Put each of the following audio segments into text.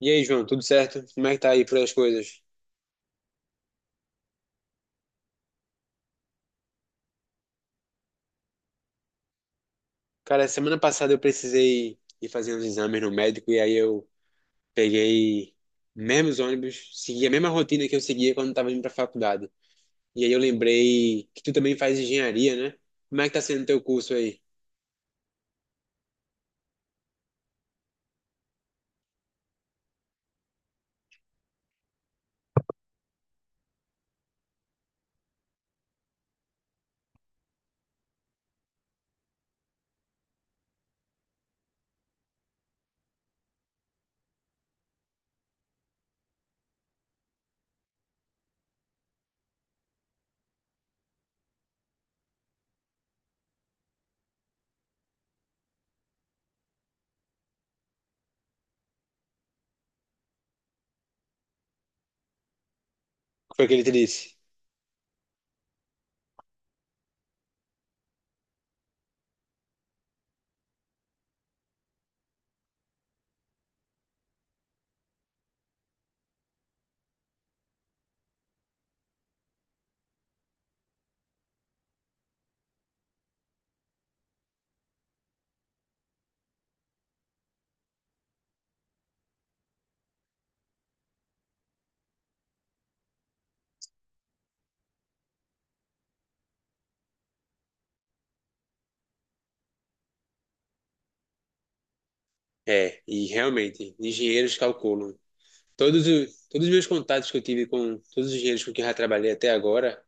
E aí, João, tudo certo? Como é que tá aí por aí as coisas? Cara, semana passada eu precisei ir fazer uns exames no médico e aí eu peguei mesmos ônibus, segui a mesma rotina que eu seguia quando tava indo pra faculdade. E aí eu lembrei que tu também faz engenharia, né? Como é que tá sendo o teu curso aí? O que foi que ele te disse? É, e realmente, engenheiros calculam. Todos os meus contatos que eu tive com todos os engenheiros com quem eu já trabalhei até agora,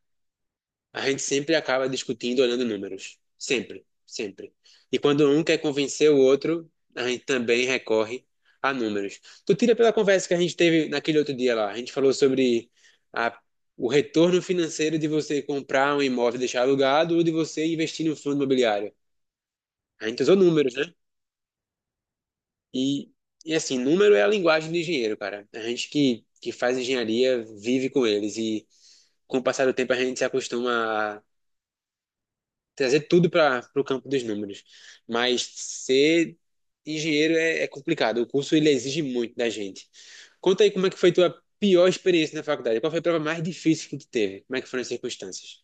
a gente sempre acaba discutindo olhando números. Sempre, sempre. E quando um quer convencer o outro, a gente também recorre a números. Tu tira pela conversa que a gente teve naquele outro dia lá. A gente falou sobre a- o retorno financeiro de você comprar um imóvel e deixar alugado ou de você investir no fundo imobiliário. A gente usou números, né? E, e assim, número é a linguagem do engenheiro, cara. A gente que faz engenharia vive com eles. E com o passar do tempo a gente se acostuma trazer tudo para o campo dos números. Mas ser engenheiro é complicado. O curso ele exige muito da gente. Conta aí como é que foi tua pior experiência na faculdade. Qual foi a prova mais difícil que tu teve? Como é que foram as circunstâncias?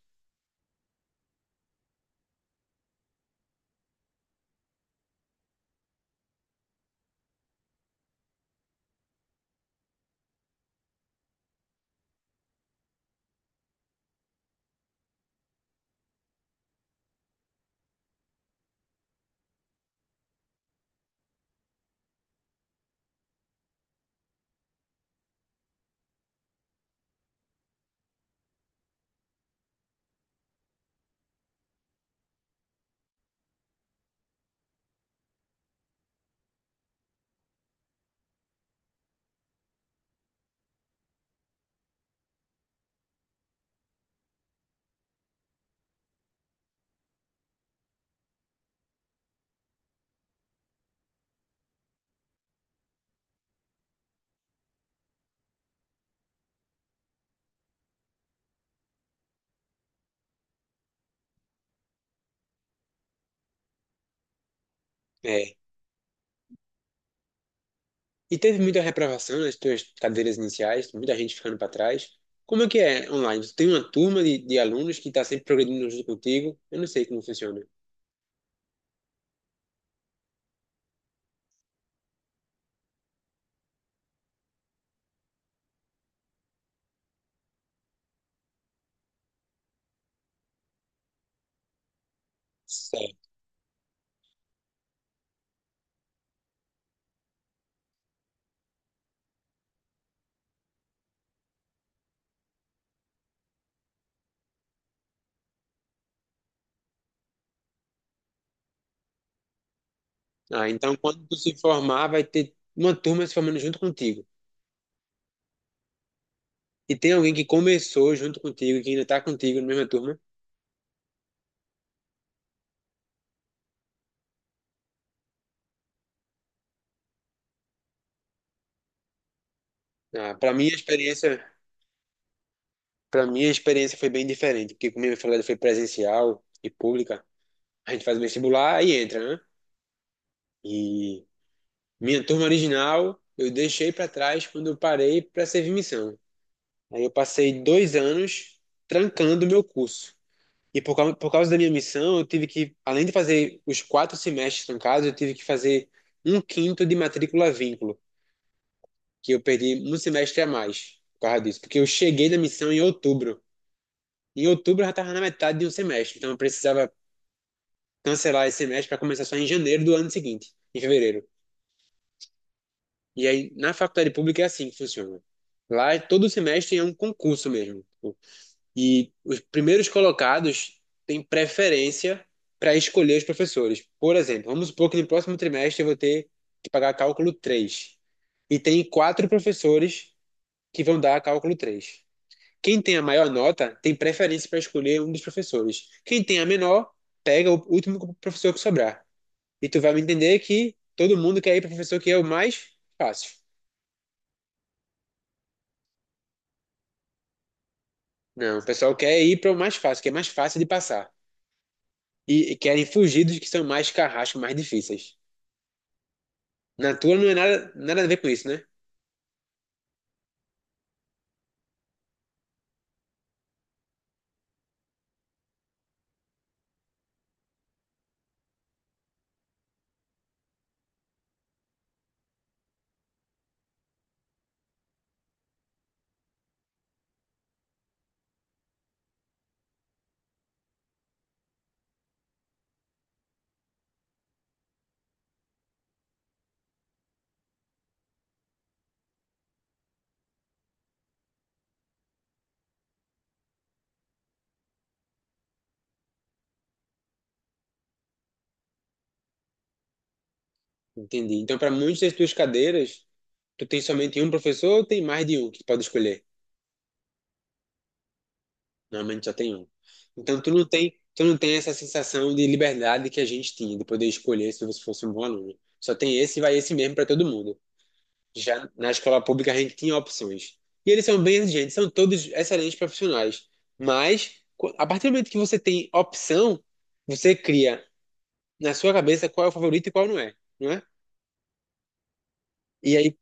É. E teve muita reprovação nas tuas cadeiras iniciais, muita gente ficando para trás. Como é que é online? Tu tem uma turma de alunos que está sempre progredindo junto contigo? Eu não sei como funciona. Certo. Ah, então quando tu se formar, vai ter uma turma se formando junto contigo. E tem alguém que começou junto contigo, que ainda tá contigo na mesma turma? Ah, para mim a experiência, para mim a experiência foi bem diferente, porque como eu falei, foi presencial e pública. A gente faz o vestibular e entra, né? E minha turma original eu deixei para trás quando eu parei para servir missão. Aí eu passei 2 anos trancando o meu curso. E por causa da minha missão, eu tive que, além de fazer os 4 semestres trancados, eu tive que fazer um quinto de matrícula vínculo. Que eu perdi um semestre a mais por causa disso, porque eu cheguei na missão em outubro. Em outubro eu já estava na metade de um semestre, então eu precisava cancelar esse semestre para começar só em janeiro do ano seguinte, em fevereiro. E aí na faculdade pública é assim que funciona. Lá todo semestre é um concurso mesmo. E os primeiros colocados têm preferência para escolher os professores. Por exemplo, vamos supor que no próximo trimestre eu vou ter que pagar cálculo 3, e tem quatro professores que vão dar cálculo 3. Quem tem a maior nota tem preferência para escolher um dos professores. Quem tem a menor, pega o último professor que sobrar. E tu vai me entender que todo mundo quer ir para o professor que é o mais fácil. Não, o pessoal quer ir para o mais fácil, que é mais fácil de passar. E querem fugir dos que são mais carrascos, mais difíceis. Na tua não é nada, nada a ver com isso, né? Entendi. Então, para muitas das tuas cadeiras, tu tem somente um professor ou tem mais de um que tu pode escolher? Normalmente só tem um. Então tu não tem essa sensação de liberdade que a gente tinha, de poder escolher se você fosse um bom aluno. Só tem esse e vai esse mesmo para todo mundo. Já na escola pública a gente tinha opções. E eles são bem exigentes, são todos excelentes profissionais. Mas a partir do momento que você tem opção, você cria na sua cabeça qual é o favorito e qual não é, não é? E aí,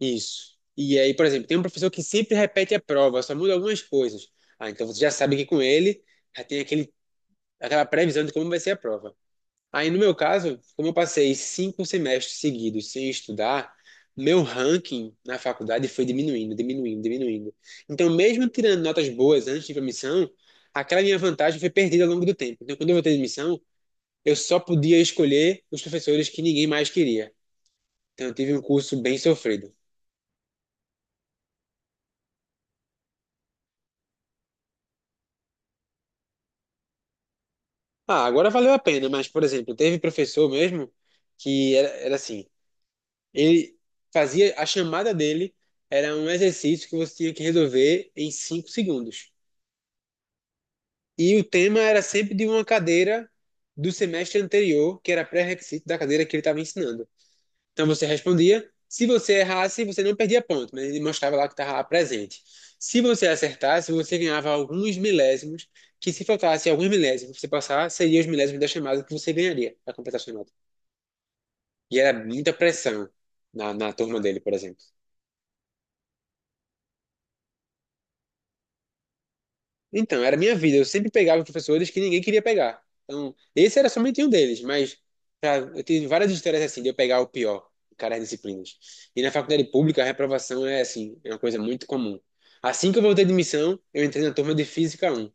isso. E aí, por exemplo, tem um professor que sempre repete a prova, só muda algumas coisas. Ah, então você já sabe que com ele já tem aquele aquela previsão de como vai ser a prova. Aí, no meu caso, como eu passei 5 semestres seguidos sem estudar, meu ranking na faculdade foi diminuindo, diminuindo, diminuindo. Então, mesmo tirando notas boas antes de ir para a missão, aquela minha vantagem foi perdida ao longo do tempo. Então, quando eu voltei de missão, eu só podia escolher os professores que ninguém mais queria. Então, eu tive um curso bem sofrido. Ah, agora valeu a pena, mas, por exemplo, teve professor mesmo que era assim, ele fazia a chamada dele. Era um exercício que você tinha que resolver em 5 segundos. E o tema era sempre de uma cadeira do semestre anterior, que era pré-requisito da cadeira que ele estava ensinando. Então você respondia. Se você errasse, você não perdia ponto, mas ele mostrava lá que estava presente. Se você acertasse, você ganhava alguns milésimos, que se faltasse alguns milésimos, você passar, seriam os milésimos da chamada que você ganharia para completar a chamada. E era muita pressão na turma dele, por exemplo. Então, era a minha vida. Eu sempre pegava os professores que ninguém queria pegar. Então, esse era somente um deles, mas já, eu tive várias histórias assim de eu pegar o pior em cada disciplinas. E na faculdade pública, a reprovação é assim, é uma coisa muito comum. Assim que eu voltei de missão, eu entrei na turma de Física um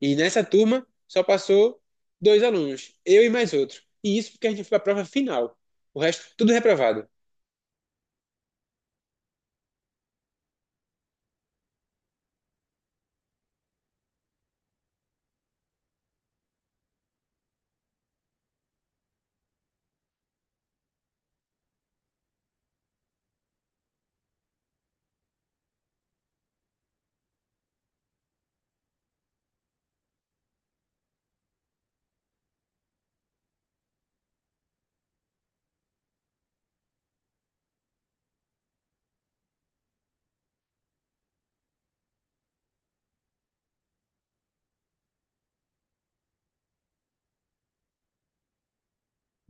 e nessa turma só passou dois alunos, eu e mais outro. E isso porque a gente foi para a prova final. O resto, tudo reprovado.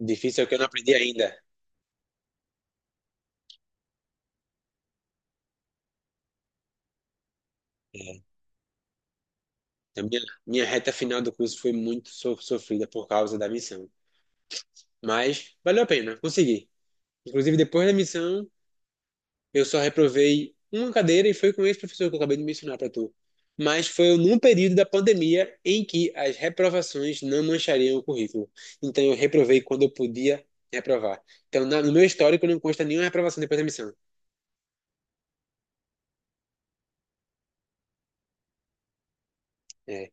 Difícil é o que eu não aprendi ainda. É. A minha, minha reta final do curso foi muito sofrida por causa da missão. Mas valeu a pena, consegui. Inclusive, depois da missão, eu só reprovei uma cadeira e foi com esse professor que eu acabei de mencionar para tu. Mas foi num período da pandemia em que as reprovações não manchariam o currículo. Então, eu reprovei quando eu podia reprovar. Então, no meu histórico, não consta nenhuma reprovação depois da missão. É.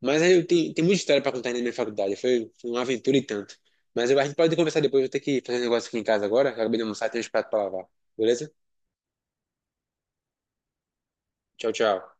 Mas aí eu tenho, tem muita história para contar ainda na minha faculdade. Foi uma aventura e tanto. Mas a gente pode conversar depois. Eu vou ter que fazer um negócio aqui em casa agora. Acabei de almoçar, tenho uns pratos para lavar. Beleza? Tchau, tchau.